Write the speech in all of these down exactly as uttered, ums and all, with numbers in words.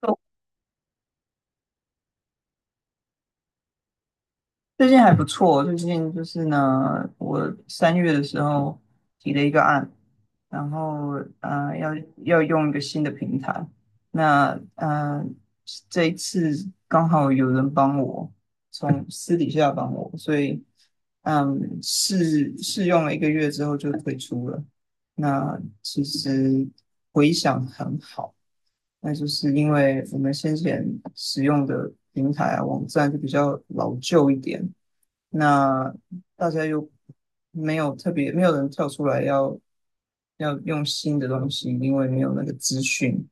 哦，最近还不错，最近就是呢，我三月的时候提了一个案，然后呃要要用一个新的平台，那呃这一次刚好有人帮我，从私底下帮我，所以嗯试试用了一个月之后就退出了。那其实回想很好，那就是因为我们先前使用的平台啊网站就比较老旧一点。那大家又没有特别，没有人跳出来要要用新的东西，因为没有那个资讯，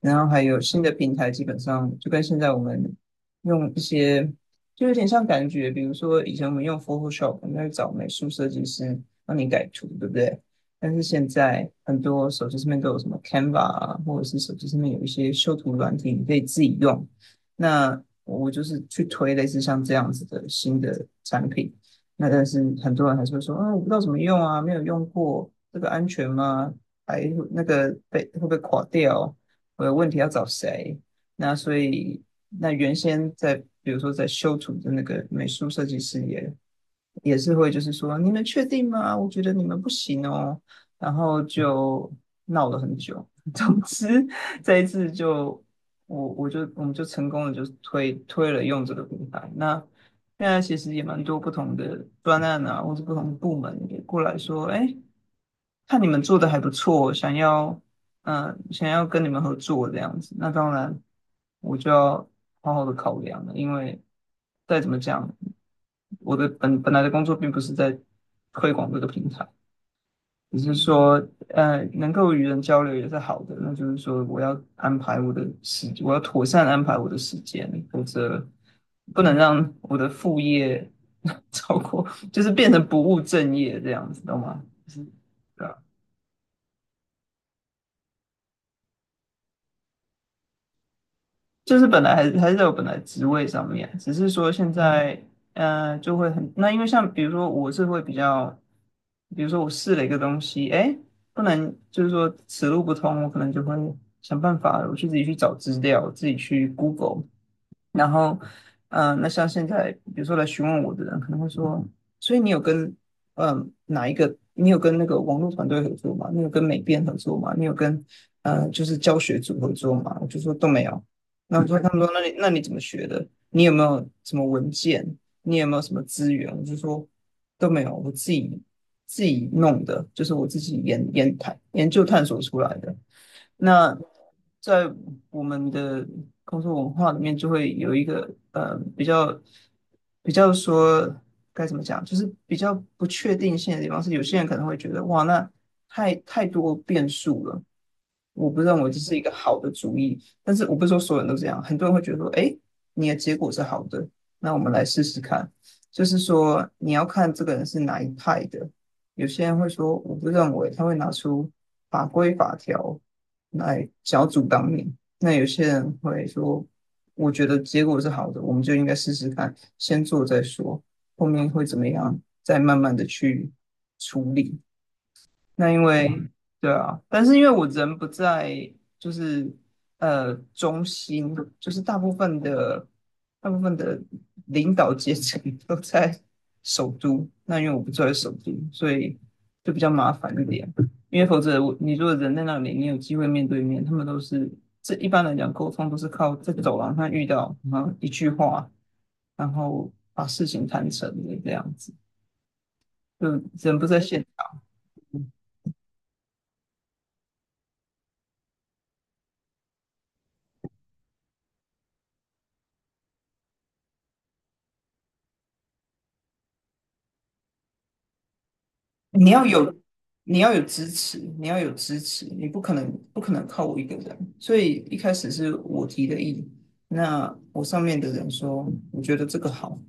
然后还有新的平台，基本上就跟现在我们用一些，就有点像感觉，比如说以前我们用 Photoshop,我们要找美术设计师帮你改图，对不对？但是现在很多手机上面都有什么 Canva 啊，或者是手机上面有一些修图软体，你可以自己用。那我就是去推类似像这样子的新的产品。那但是很多人还是会说，啊，我不知道怎么用啊，没有用过，这个安全吗？还那个被会不会垮掉？我有问题要找谁？那所以，那原先在比如说在修图的那个美术设计师也也是会就是说你们确定吗？我觉得你们不行哦，然后就闹了很久。总之这一次就我我就我们就成功的就推推了用这个平台。那现在其实也蛮多不同的专案啊，或是不同的部门也过来说，哎。看你们做的还不错，想要嗯、呃想要跟你们合作这样子，那当然我就要好好的考量了，因为再怎么讲，我的本本来的工作并不是在推广这个平台，只是说呃能够与人交流也是好的，那就是说我要安排我的时，我要妥善安排我的时间，否则不能让我的副业 超过，就是变成不务正业这样子，懂吗？就是。就是本来还还是在我本来职位上面，只是说现在，呃，就会很，那因为像比如说我是会比较，比如说我试了一个东西，哎，不能就是说此路不通，我可能就会想办法，我去自己去找资料，自己去 Google,然后，嗯、那像现在，比如说来询问我的人，可能会说，所以你有跟，嗯、哪一个？你有跟那个网络团队合作吗？你有跟美编合作吗？你有跟，呃，就是教学组合作吗？我就说都没有。那我说，他们说，那你那你怎么学的？你有没有什么文件？你有没有什么资源？我就说都没有，我自己自己弄的，就是我自己研研探研究探索出来的。那在我们的工作文化里面，就会有一个呃比较比较说该怎么讲，就是比较不确定性的地方是，有些人可能会觉得哇，那太太多变数了。我不认为这是一个好的主意，但是我不是说所有人都这样，很多人会觉得说，哎，你的结果是好的，那我们来试试看。就是说，你要看这个人是哪一派的。有些人会说，我不认为他会拿出法规法条来小组阻挡你，那有些人会说，我觉得结果是好的，我们就应该试试看，先做再说，后面会怎么样，再慢慢的去处理。那因为嗯对啊，但是因为我人不在，就是呃中心，就是大部分的大部分的领导阶层 都在首都。那因为我不住在首都，所以就比较麻烦一点。因为否则我你如果人在那里，你有机会面对面，他们都是这一般来讲沟通都是靠在走廊上遇到，然后一句话，然后把事情谈成的这样子，就人不在现。你要有，你要有支持，你要有支持，你不可能不可能靠我一个人。所以一开始是我提的议，那我上面的人说，我觉得这个好，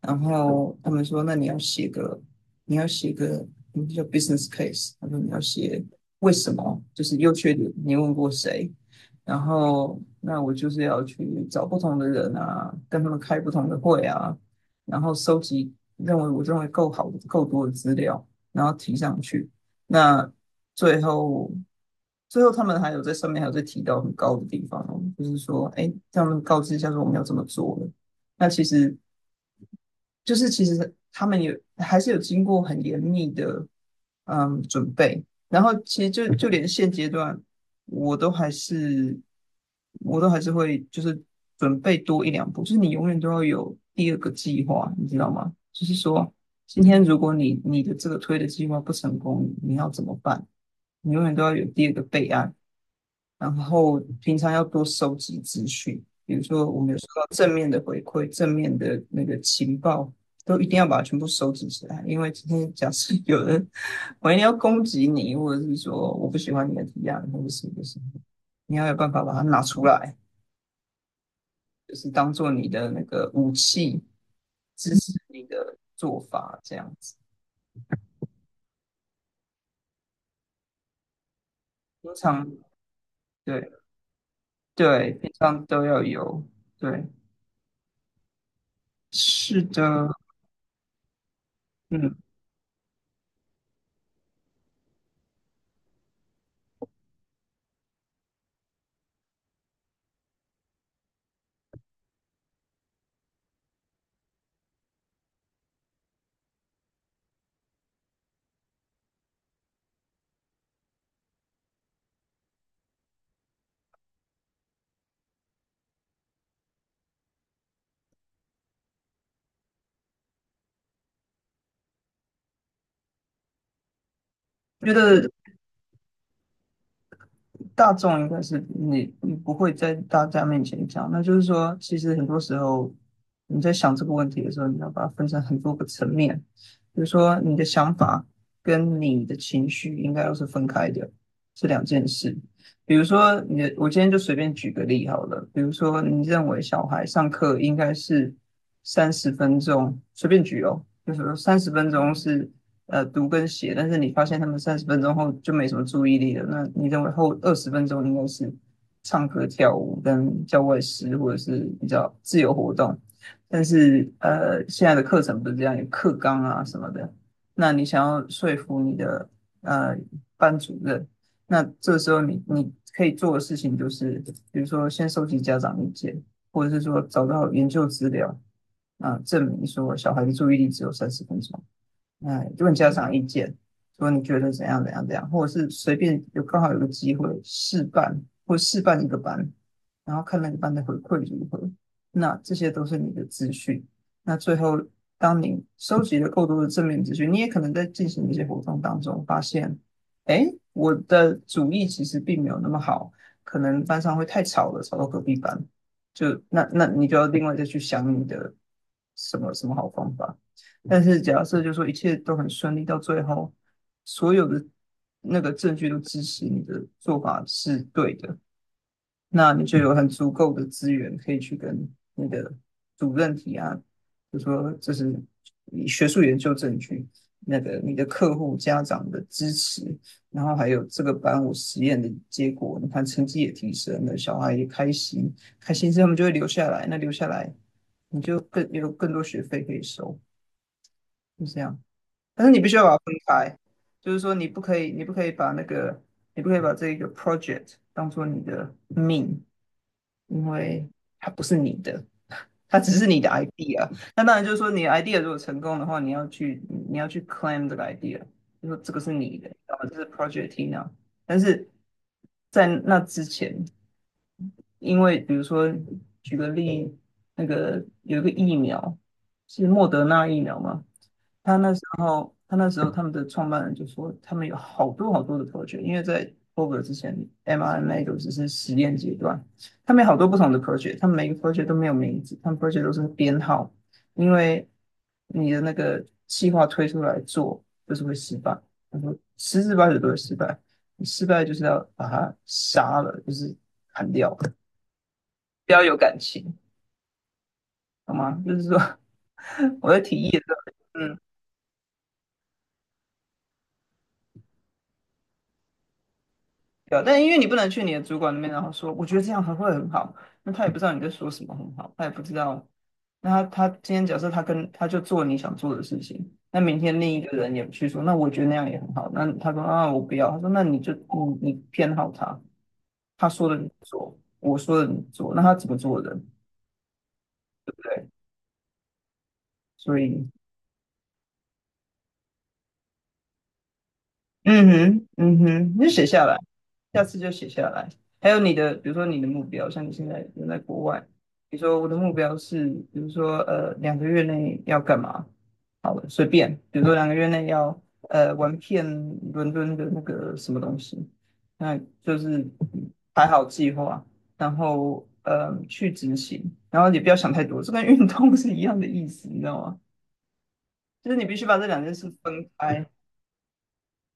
然后他们说，那你要写个，你要写个，嗯，叫 business case,他说你要写为什么，就是优缺点，你问过谁？然后那我就是要去找不同的人啊，跟他们开不同的会啊，然后收集认为我认为够好够多的资料。然后提上去。那最后，最后他们还有在上面还有在提到很高的地方哦，就是说，哎，让他们告知一下说我们要怎么做了。那其实就是其实他们有还是有经过很严密的嗯准备，然后其实就就连现阶段我都还是我都还是会就是准备多一两步，就是你永远都要有第二个计划，你知道吗？就是说今天如果你你的这个推的计划不成功，你要怎么办？你永远都要有第二个备案，然后平常要多收集资讯，比如说我们有面的那个情报都一定要把它全部收集起来，因为今天假设有人我一定要攻击你，或者是说我不喜欢你的提案，或者是不是，你要有办法把它拿出来，就是当做你的那个武器，支持你的做法这样子。平常对对，平常都要有，对，是的，嗯，觉得大众应该是你你不会在大家面前讲，那就是说，其实很多时候你在想这个问题的时候，你要把它分成很多个层面，比如说你的想法跟你的情绪应该都是分开的，是两件事。比如说你的，我今天就随便举个例好了，比如说你认为小孩上课应该是三十分钟，随便举哦，就是说三十分钟是呃读跟写，但是你发现他们三十分钟后就没什么注意力了，那你认为后二十分钟应该是唱歌、跳舞跟教外师或者是比较自由活动，但是呃现在的课程不是这样，有课纲啊什么的，那你想要说服你的呃班主任，那这时候你你可以做的事情就是，比如说先收集家长意见，或者是说找到研究资料。啊、呃证明说小孩的注意力只有三十分钟，哎，问家长意见，说你觉得怎样怎样怎样，或者是随便有刚好有个机会试办或试办一个班，然后看那个班的回馈如何。那这些都是你的资讯。那最后，当你收集了够多的正面资讯，你也可能在进行一些活动当中发现，哎，我的主意其实并没有那么好，可能班上会太吵了，吵到隔壁班。就那那你就要另外再去想你的什么什么好方法。但是假设就说一切都很顺利，到最后所有的那个证据都支持你的做法是对的，那你就有很足够的资源可以去跟你的主任提案，就说这是你学术研究证据，那个你的客户、家长的支持，然后还有这个班我实验的结果，你看成绩也提升了，小孩也开心，开心之后他们就会留下来，那留下来你就更有更多学费可以收，就这样。但是你必须要把它分开，就是说你不可以，你不可以把那个，你不可以把这个 project 当做你的命，因为它不是你的，它只是你的 idea。那当然就是说，你的 idea 如果成功的话，你要去你要去 claim 这个 idea，就说这个是你的，然后这是 Project Tina。但是在那之前，因为比如说举个例，那个有一个疫苗是莫德纳疫苗嘛，他那时候他那时候他们的创办人就说，他们有好多好多的 project，因为在 COVID 之前，mRNA 都只是实验阶段。他们有好多不同的 project，他们每个 project 都没有名字，他们 project 都是编号，因为你的那个计划推出来做就是会失败，他说十之八九都会失败，你失败就是要把它杀了，就是砍掉，不要有感情，好吗？就是说 我在提议的时候，嗯对啊，但因为你不能去你的主管那边，然后说我觉得这样还会很好，那他也不知道你在说什么很好，他也不知道。那他他今天假设他跟他就做你想做的事情，那明天另一个人也去说，那我觉得那样也很好。那他说啊，我不要。他说那你就你你偏好他，他说的你做，我说的你做，那他怎么做的？对，所以嗯哼嗯哼，你就写下来。下次就写下来。还有你的，比如说你的目标，像你现在人在国外，比如说我的目标是，比如说呃两个月内要干嘛？好了，随便，比如说两个月内要呃玩遍伦敦的那个什么东西，那就是排好计划，然后呃去执行，然后你不要想太多，这跟运动 是一样的意思，你知道吗？就是你必须把这两件事分开，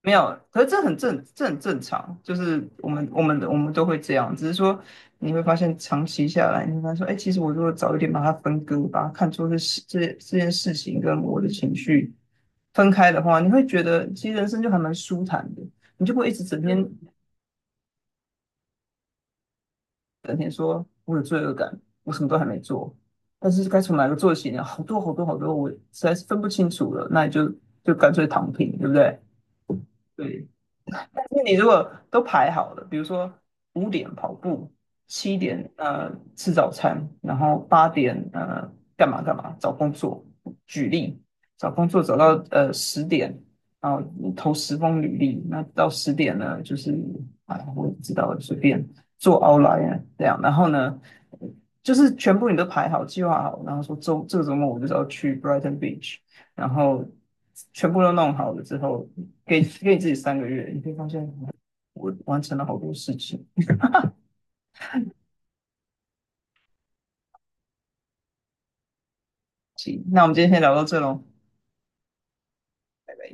没有，可是这很正，这很正常，就是我们我们我们都会这样，只是说你会发现长期下来，你会发现说，哎，其实我如果早一点把它分割，把它看作是事这这件事情跟我的情绪分开的话，你会觉得其实人生就还蛮舒坦的，你就不会一直整天嗯整天说我有罪恶感，我什么都还没做，但是该从哪个做起呢？好多好多好多，我实在是分不清楚了，那你就就干脆躺平，对不对？对，那你如果都排好了，比如说五点跑步，七点呃吃早餐，然后八点呃干嘛干嘛找工作，举例找工作找到呃十点，然后投十封履历，那到十点呢就是哎我也不知道了随便做 outline 啊这样，然后呢就是全部你都排好计划好，然后说周这个周末我就是要去 Brighton Beach，然后全部都弄好了之后，给给你自己三个月，你会发现我完成了好多事情。行那我们今天先聊到这喽。拜拜。